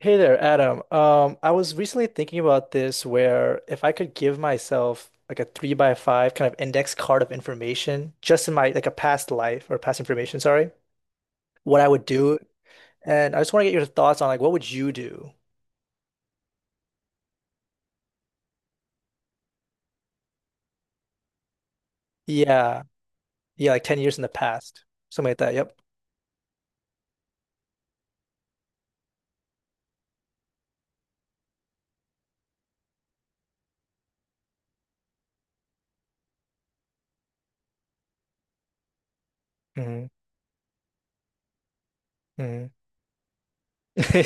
Hey there, Adam. I was recently thinking about this where if I could give myself like a three by five kind of index card of information just in my like a past life or past information, sorry, what I would do. And I just want to get your thoughts on like what would you do? Yeah. Yeah, like 10 years in the past. Something like that. Yep. Hmm. Hmm.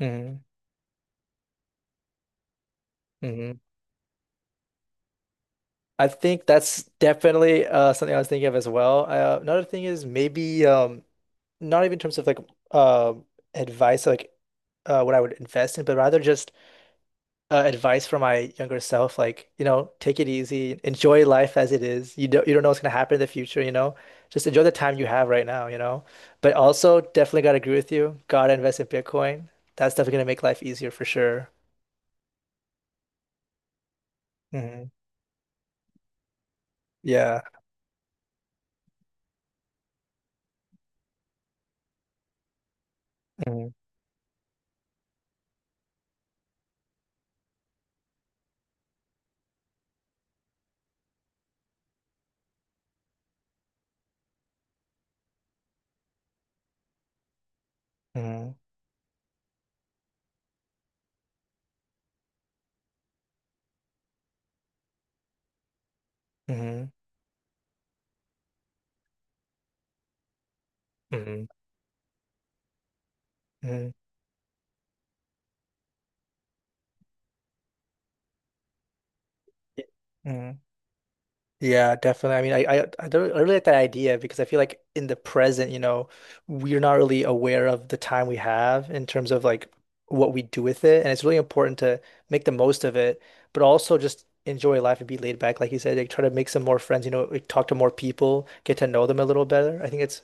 hmm. Hmm. I think that's definitely something I was thinking of as well. Another thing is maybe not even in terms of like um advice, like what I would invest in, but rather just advice for my younger self. Like, you know, take it easy, enjoy life as it is. You don't know what's gonna happen in the future, you know. Just enjoy the time you have right now, you know. But also, definitely gotta agree with you. Gotta invest in Bitcoin. That's definitely gonna make life easier for sure. Hmm. Yeah. Mm, mm, mm, mm, mm. Yeah, definitely. I mean, I don't, I really like that idea because I feel like in the present, you know, we're not really aware of the time we have in terms of like what we do with it. And it's really important to make the most of it, but also just enjoy life and be laid back. Like you said, like try to make some more friends, you know, like, talk to more people, get to know them a little better. I think it's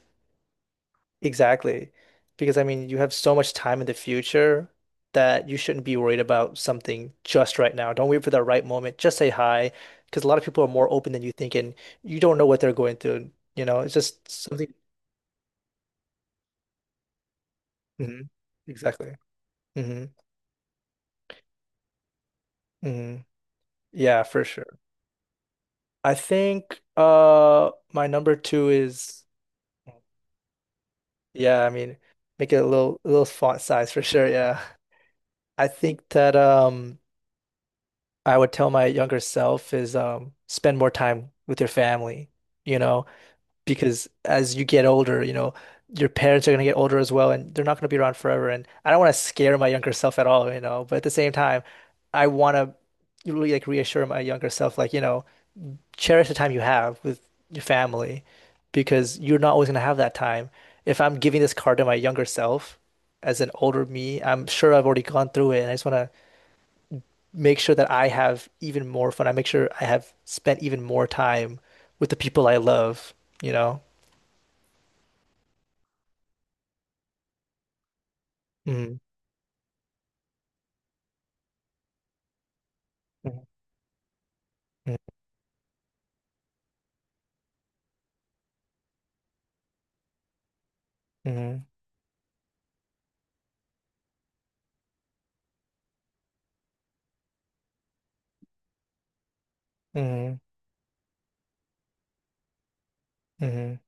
exactly. Because I mean, you have so much time in the future that you shouldn't be worried about something just right now. Don't wait for the right moment. Just say hi. Because a lot of people are more open than you think, and you don't know what they're going through. You know, it's just something. Hmm. Exactly. Hmm. Hmm. Yeah, for sure. I think my number two is yeah, I mean, make it a little font size for sure. Yeah. I think that I would tell my younger self is spend more time with your family, you know, because as you get older, you know, your parents are going to get older as well, and they're not going to be around forever. And I don't want to scare my younger self at all, you know, but at the same time, I want to really like reassure my younger self, like, you know, cherish the time you have with your family because you're not always going to have that time. If I'm giving this card to my younger self as an older me, I'm sure I've already gone through it, and I just want to make sure that I have even more fun. I make sure I have spent even more time with the people I love, you know? Mm, mm, mm, mm, mm,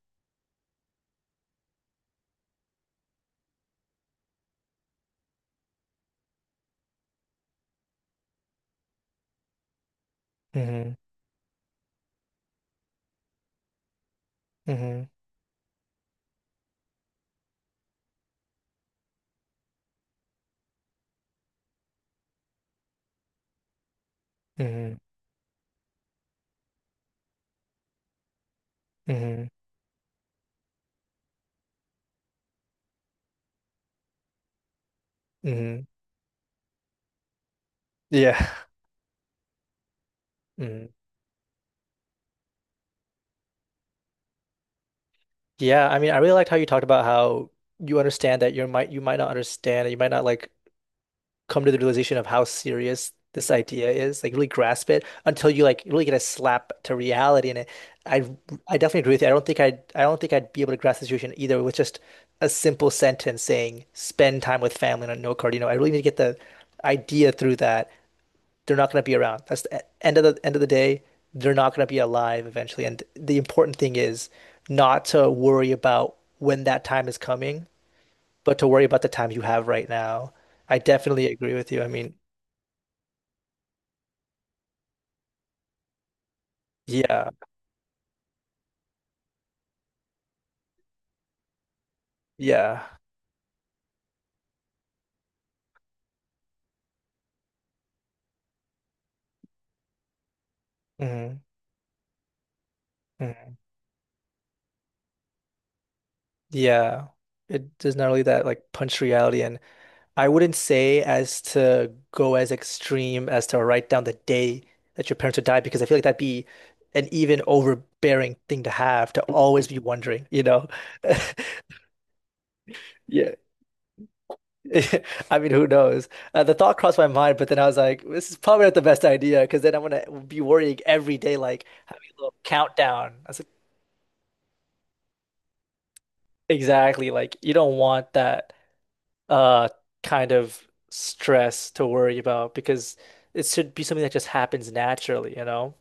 mm, mm, mm, mm, mm, mm. Yeah. Mm. Yeah, I mean, I really liked how you talked about how you understand that you might not understand, you might not like come to the realization of how serious this idea is, like really grasp it until you like really get a slap to reality in it. I I definitely agree with you. I don't think I'd be able to grasp the situation either with just a simple sentence saying spend time with family on a note card. You know, I really need to get the idea through that they're not going to be around. That's the end of the end of the day. They're not going to be alive eventually. And the important thing is not to worry about when that time is coming, but to worry about the time you have right now. I definitely agree with you. I mean, yeah, yeah. Hmm. Hmm. Yeah. It does not really that like punch reality and I wouldn't say as to go as extreme as to write down the day that your parents would die because I feel like that'd be an even overbearing thing to have to always be wondering, you know? Yeah. I mean, who knows? The thought crossed my mind, but then I was like, this is probably not the best idea because then I'm gonna be worrying every day, like having a little countdown. I was like, exactly, like you don't want that. uh Kind of stress to worry about because it should be something that just happens naturally, you know?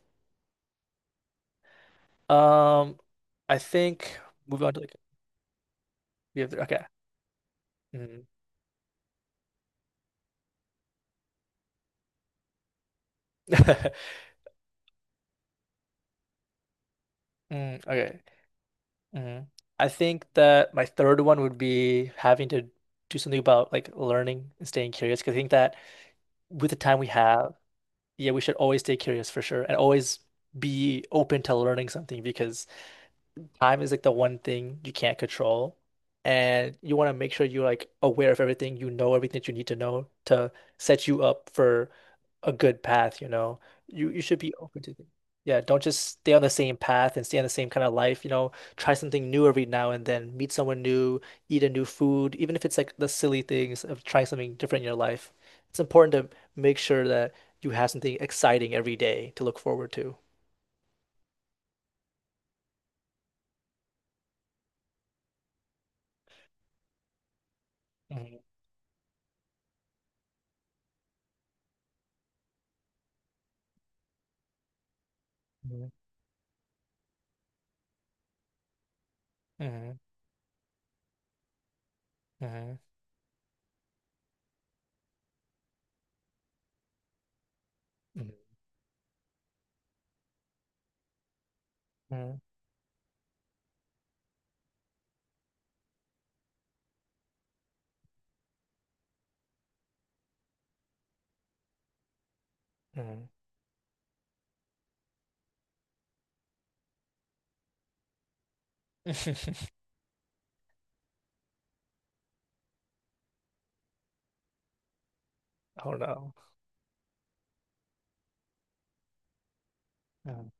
Um, I think moving on to like we have okay. Mm. Mm, okay. Mm. I think that my third one would be having to do something about like learning and staying curious because I think that with the time we have, yeah, we should always stay curious for sure and always be open to learning something because time is like the one thing you can't control, and you want to make sure you're like aware of everything, you know everything that you need to know to set you up for a good path, you know. You should be open to things. Yeah, don't just stay on the same path and stay on the same kind of life, you know. Try something new every now and then, meet someone new, eat a new food, even if it's like the silly things of trying something different in your life. It's important to make sure that you have something exciting every day to look forward to. Mhm, mhm, mhm, mhm, mhm, mhm. 음. Oh no. Mm,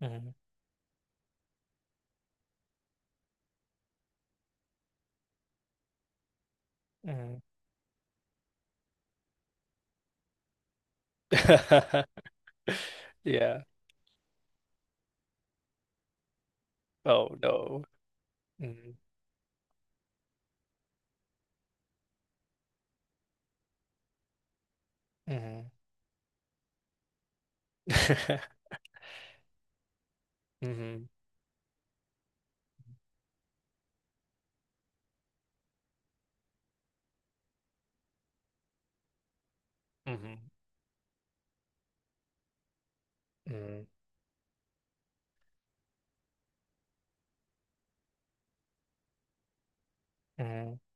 mm, mm. Yeah. Oh no. Mm, mm. Mhm, mhm, mm, mhm.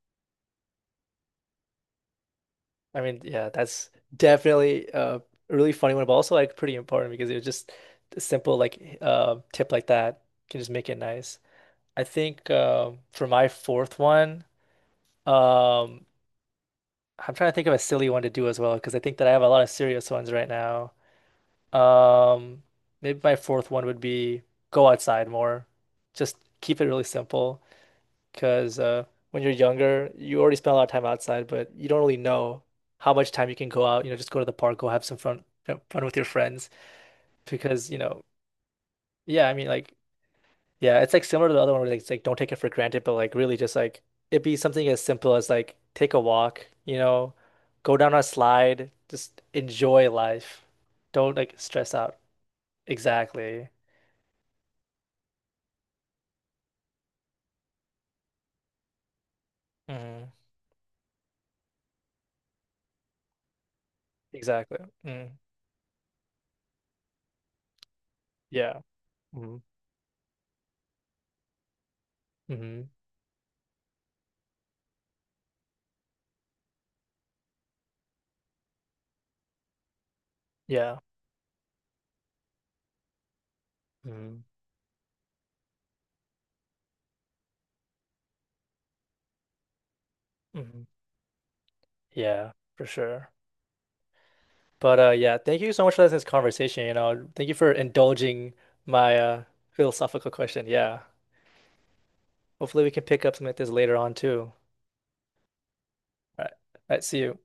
I mean, yeah, that's definitely a really funny one, but also like pretty important because it was just a simple like tip like that can just make it nice. I think for my fourth one, um, I'm trying to think of a silly one to do as well because I think that I have a lot of serious ones right now. Um, Maybe my fourth one would be go outside more. Just keep it really simple because when you're younger, you already spend a lot of time outside, but you don't really know how much time you can go out. You know, just go to the park, go have some fun, you know, fun with your friends. Because you know, yeah, I mean, like, yeah, it's like similar to the other one where like, it's like don't take it for granted, but like really just like it'd be something as simple as like take a walk, you know, go down a slide, just enjoy life. Don't like stress out. Exactly. Hmm. Exactly. Mm. Yeah. Mm. Hmm. Yeah. Mm. Hmm. Yeah, for sure. But yeah, thank you so much for this conversation, you know. Thank you for indulging my philosophical question. Yeah. Hopefully we can pick up some of this later on too. All right. All right, see you.